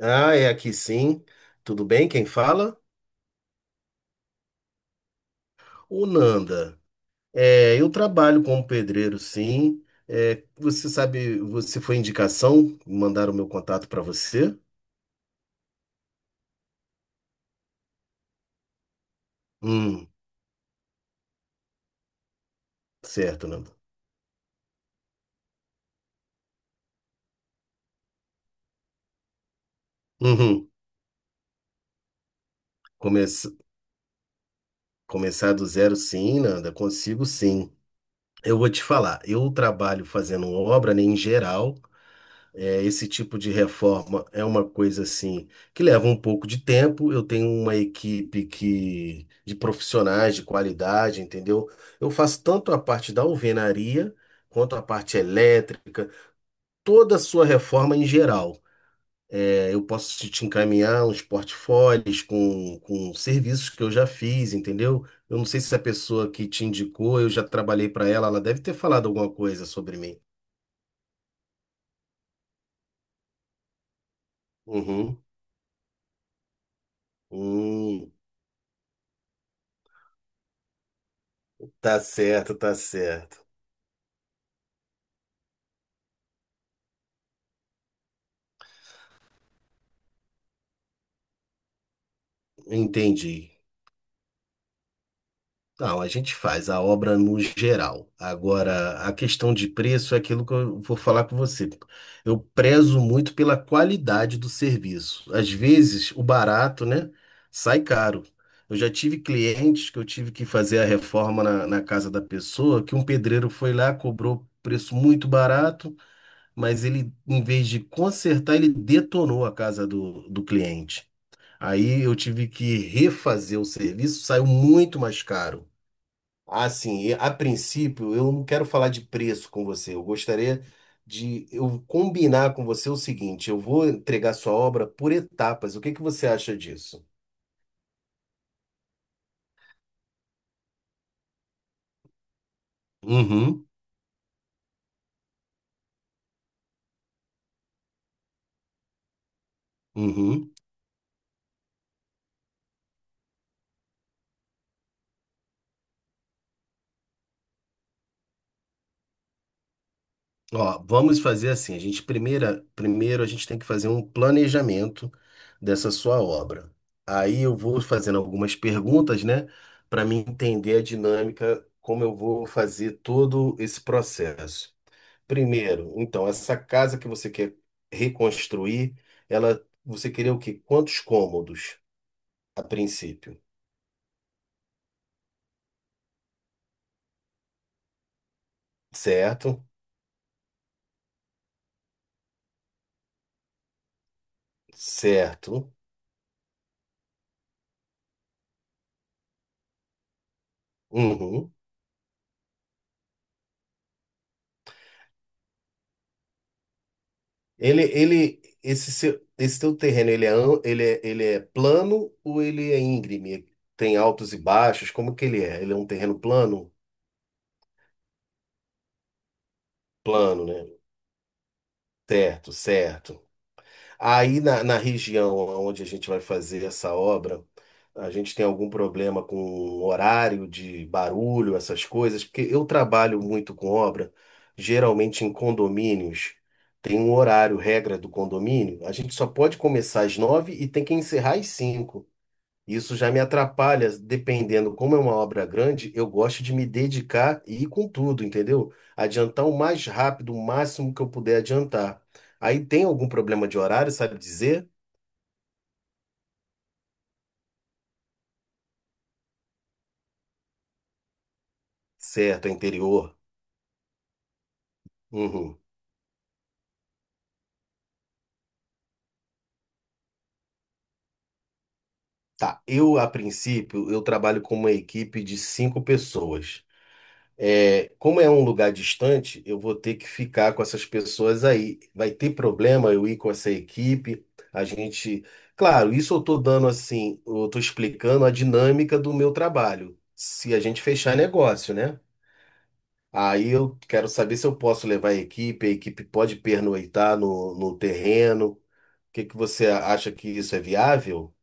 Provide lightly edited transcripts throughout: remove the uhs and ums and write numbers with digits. Ah, é aqui sim. Tudo bem? Quem fala? O Nanda. É, eu trabalho como pedreiro, sim. É, você sabe, você foi indicação? Mandaram meu contato para você? Hum, certo, Nanda. Uhum. Comece- Começar do zero, sim, Nanda. Consigo, sim. Eu vou te falar. Eu trabalho fazendo obra, né, em geral. É, esse tipo de reforma é uma coisa assim que leva um pouco de tempo. Eu tenho uma equipe que de profissionais de qualidade, entendeu? Eu faço tanto a parte da alvenaria quanto a parte elétrica, toda a sua reforma em geral. É, eu posso te encaminhar uns portfólios com serviços que eu já fiz, entendeu? Eu não sei se a pessoa que te indicou, eu já trabalhei para ela, ela deve ter falado alguma coisa sobre mim. Uhum. Hum, tá certo, tá certo. Entendi. Não, a gente faz a obra no geral. Agora, a questão de preço é aquilo que eu vou falar com você. Eu prezo muito pela qualidade do serviço. Às vezes, o barato, né, sai caro. Eu já tive clientes que eu tive que fazer a reforma na casa da pessoa, que um pedreiro foi lá, cobrou preço muito barato, mas ele, em vez de consertar, ele detonou a casa do cliente. Aí eu tive que refazer o serviço, saiu muito mais caro. Assim, e a princípio, eu não quero falar de preço com você. Eu gostaria de eu combinar com você o seguinte: eu vou entregar sua obra por etapas. O que que você acha disso? Uhum, uhum. Ó, vamos fazer assim. A gente primeiro a gente tem que fazer um planejamento dessa sua obra. Aí eu vou fazendo algumas perguntas, né, para me entender a dinâmica, como eu vou fazer todo esse processo. Primeiro, então, essa casa que você quer reconstruir, ela, você queria o quê? Quantos cômodos a princípio? Certo? Certo. Uhum. Ele, esse seu, esse teu terreno, ele é, ele é, ele é plano ou ele é íngreme? Tem altos e baixos? Como que ele é? Ele é um terreno plano? Plano, né? Certo, certo. Aí na região onde a gente vai fazer essa obra, a gente tem algum problema com horário de barulho, essas coisas? Porque eu trabalho muito com obra, geralmente em condomínios. Tem um horário, regra do condomínio. A gente só pode começar às nove e tem que encerrar às cinco. Isso já me atrapalha, dependendo como é uma obra grande, eu gosto de me dedicar e ir com tudo, entendeu? Adiantar o mais rápido, o máximo que eu puder adiantar. Aí tem algum problema de horário, sabe dizer? Certo, é interior. Uhum. Tá, eu a princípio, eu trabalho com uma equipe de cinco pessoas. É, como é um lugar distante, eu vou ter que ficar com essas pessoas aí. Vai ter problema eu ir com essa equipe? A gente. Claro, isso eu estou dando assim, eu estou explicando a dinâmica do meu trabalho. Se a gente fechar negócio, né? Aí eu quero saber se eu posso levar a equipe pode pernoitar no terreno. O que que você acha que isso é viável?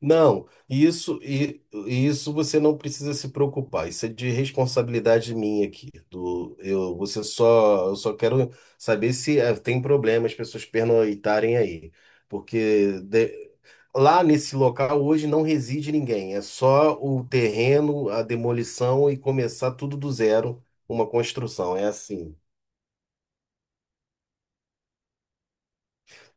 Não, isso você não precisa se preocupar. Isso é de responsabilidade minha aqui. Do eu, você só, eu só quero saber se tem problema as pessoas pernoitarem aí, porque lá nesse local hoje não reside ninguém. É só o terreno, a demolição e começar tudo do zero, uma construção. É assim.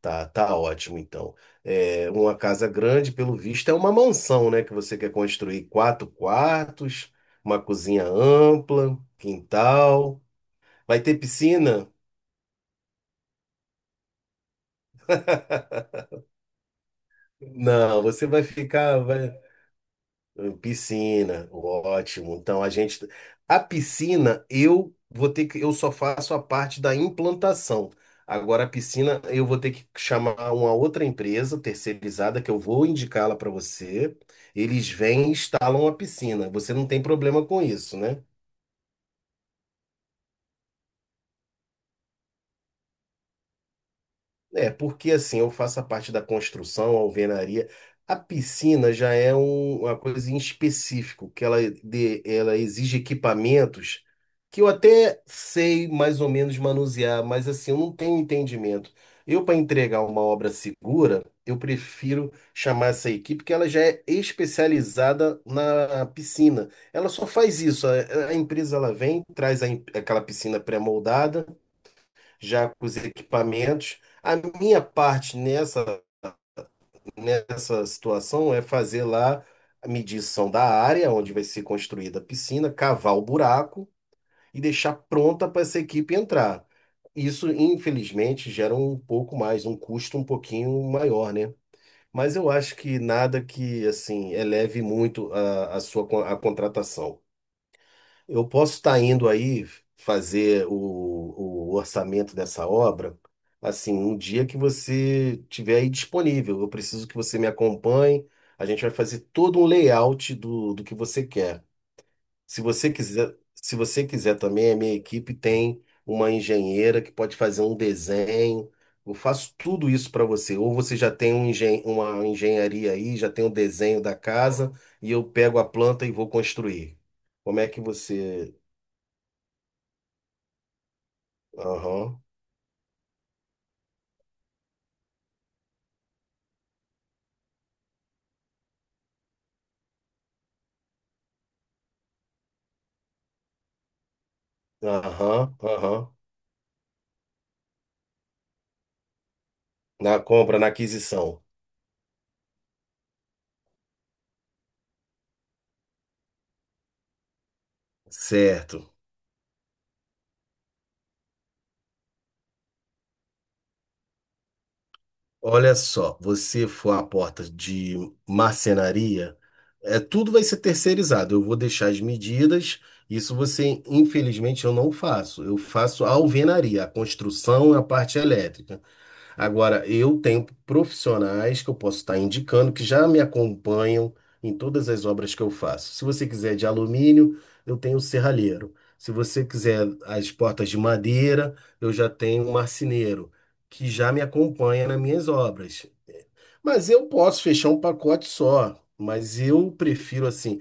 Tá, tá ótimo, então. É, uma casa grande, pelo visto, é uma mansão, né? Que você quer construir quatro quartos, uma cozinha ampla, quintal. Vai ter piscina? Não, você vai ficar. Piscina, ótimo. Então a gente, a piscina eu vou ter que, eu só faço a parte da implantação. Agora a piscina eu vou ter que chamar uma outra empresa terceirizada que eu vou indicá-la para você. Eles vêm e instalam a piscina. Você não tem problema com isso, né? É, porque assim, eu faço a parte da construção, alvenaria. A piscina já é uma coisa em específico, que ela, ela exige equipamentos que eu até sei mais ou menos manusear, mas assim, eu não tenho entendimento. Eu, para entregar uma obra segura, eu prefiro chamar essa equipe, que ela já é especializada na piscina. Ela só faz isso. A empresa ela vem, traz a aquela piscina pré-moldada já com os equipamentos. A minha parte nessa situação é fazer lá a medição da área onde vai ser construída a piscina, cavar o buraco e deixar pronta para essa equipe entrar. Isso, infelizmente, gera um pouco mais, um custo um pouquinho maior, né? Mas eu acho que nada que, assim, eleve muito a sua a contratação. Eu posso estar indo aí fazer o orçamento dessa obra, assim, um dia que você tiver aí disponível. Eu preciso que você me acompanhe. A gente vai fazer todo um layout do que você quer. Se você quiser também, a minha equipe tem uma engenheira que pode fazer um desenho. Eu faço tudo isso para você. Ou você já tem um engen uma engenharia aí, já tem o desenho da casa, e eu pego a planta e vou construir. Como é que você Aham, aham, aham. Na compra, na aquisição. Certo. Olha só, você for à porta de marcenaria, tudo vai ser terceirizado. Eu vou deixar as medidas. Isso você, infelizmente, eu não faço. Eu faço a alvenaria, a construção, a parte elétrica. Agora, eu tenho profissionais que eu posso estar indicando que já me acompanham em todas as obras que eu faço. Se você quiser de alumínio, eu tenho o serralheiro. Se você quiser as portas de madeira, eu já tenho o marceneiro, que já me acompanha nas minhas obras. Mas eu posso fechar um pacote só, mas eu prefiro assim.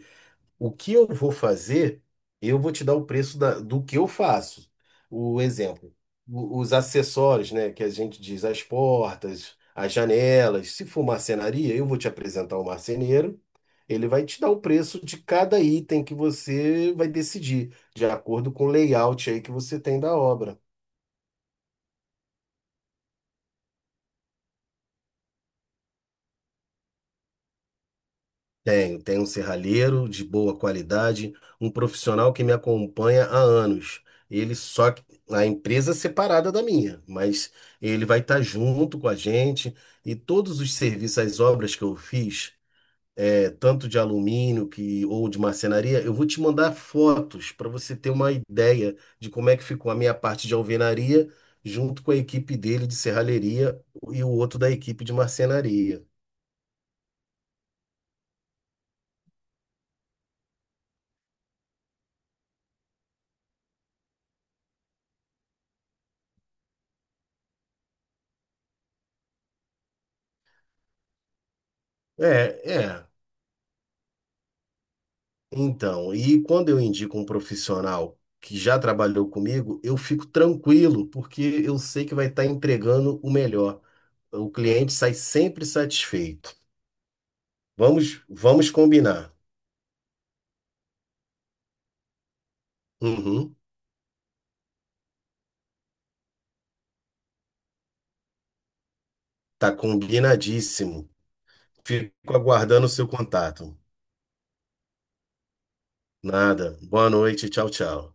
O que eu vou fazer, eu vou te dar o preço do que eu faço. O exemplo, os acessórios, né, que a gente diz, as portas, as janelas. Se for marcenaria, eu vou te apresentar o marceneiro. Ele vai te dar o preço de cada item que você vai decidir, de acordo com o layout aí que você tem da obra. Tenho, tenho um serralheiro de boa qualidade, um profissional que me acompanha há anos. Ele só que- a empresa é separada da minha, mas ele vai estar junto com a gente e todos os serviços, as obras que eu fiz, tanto de alumínio que ou de marcenaria, eu vou te mandar fotos para você ter uma ideia de como é que ficou a minha parte de alvenaria junto com a equipe dele de serralheria e o outro da equipe de marcenaria. É, é. Então, e quando eu indico um profissional que já trabalhou comigo, eu fico tranquilo, porque eu sei que vai estar entregando o melhor. O cliente sai sempre satisfeito. Vamos, vamos combinar. Uhum, tá combinadíssimo. Fico aguardando o seu contato. Nada. Boa noite. Tchau, tchau.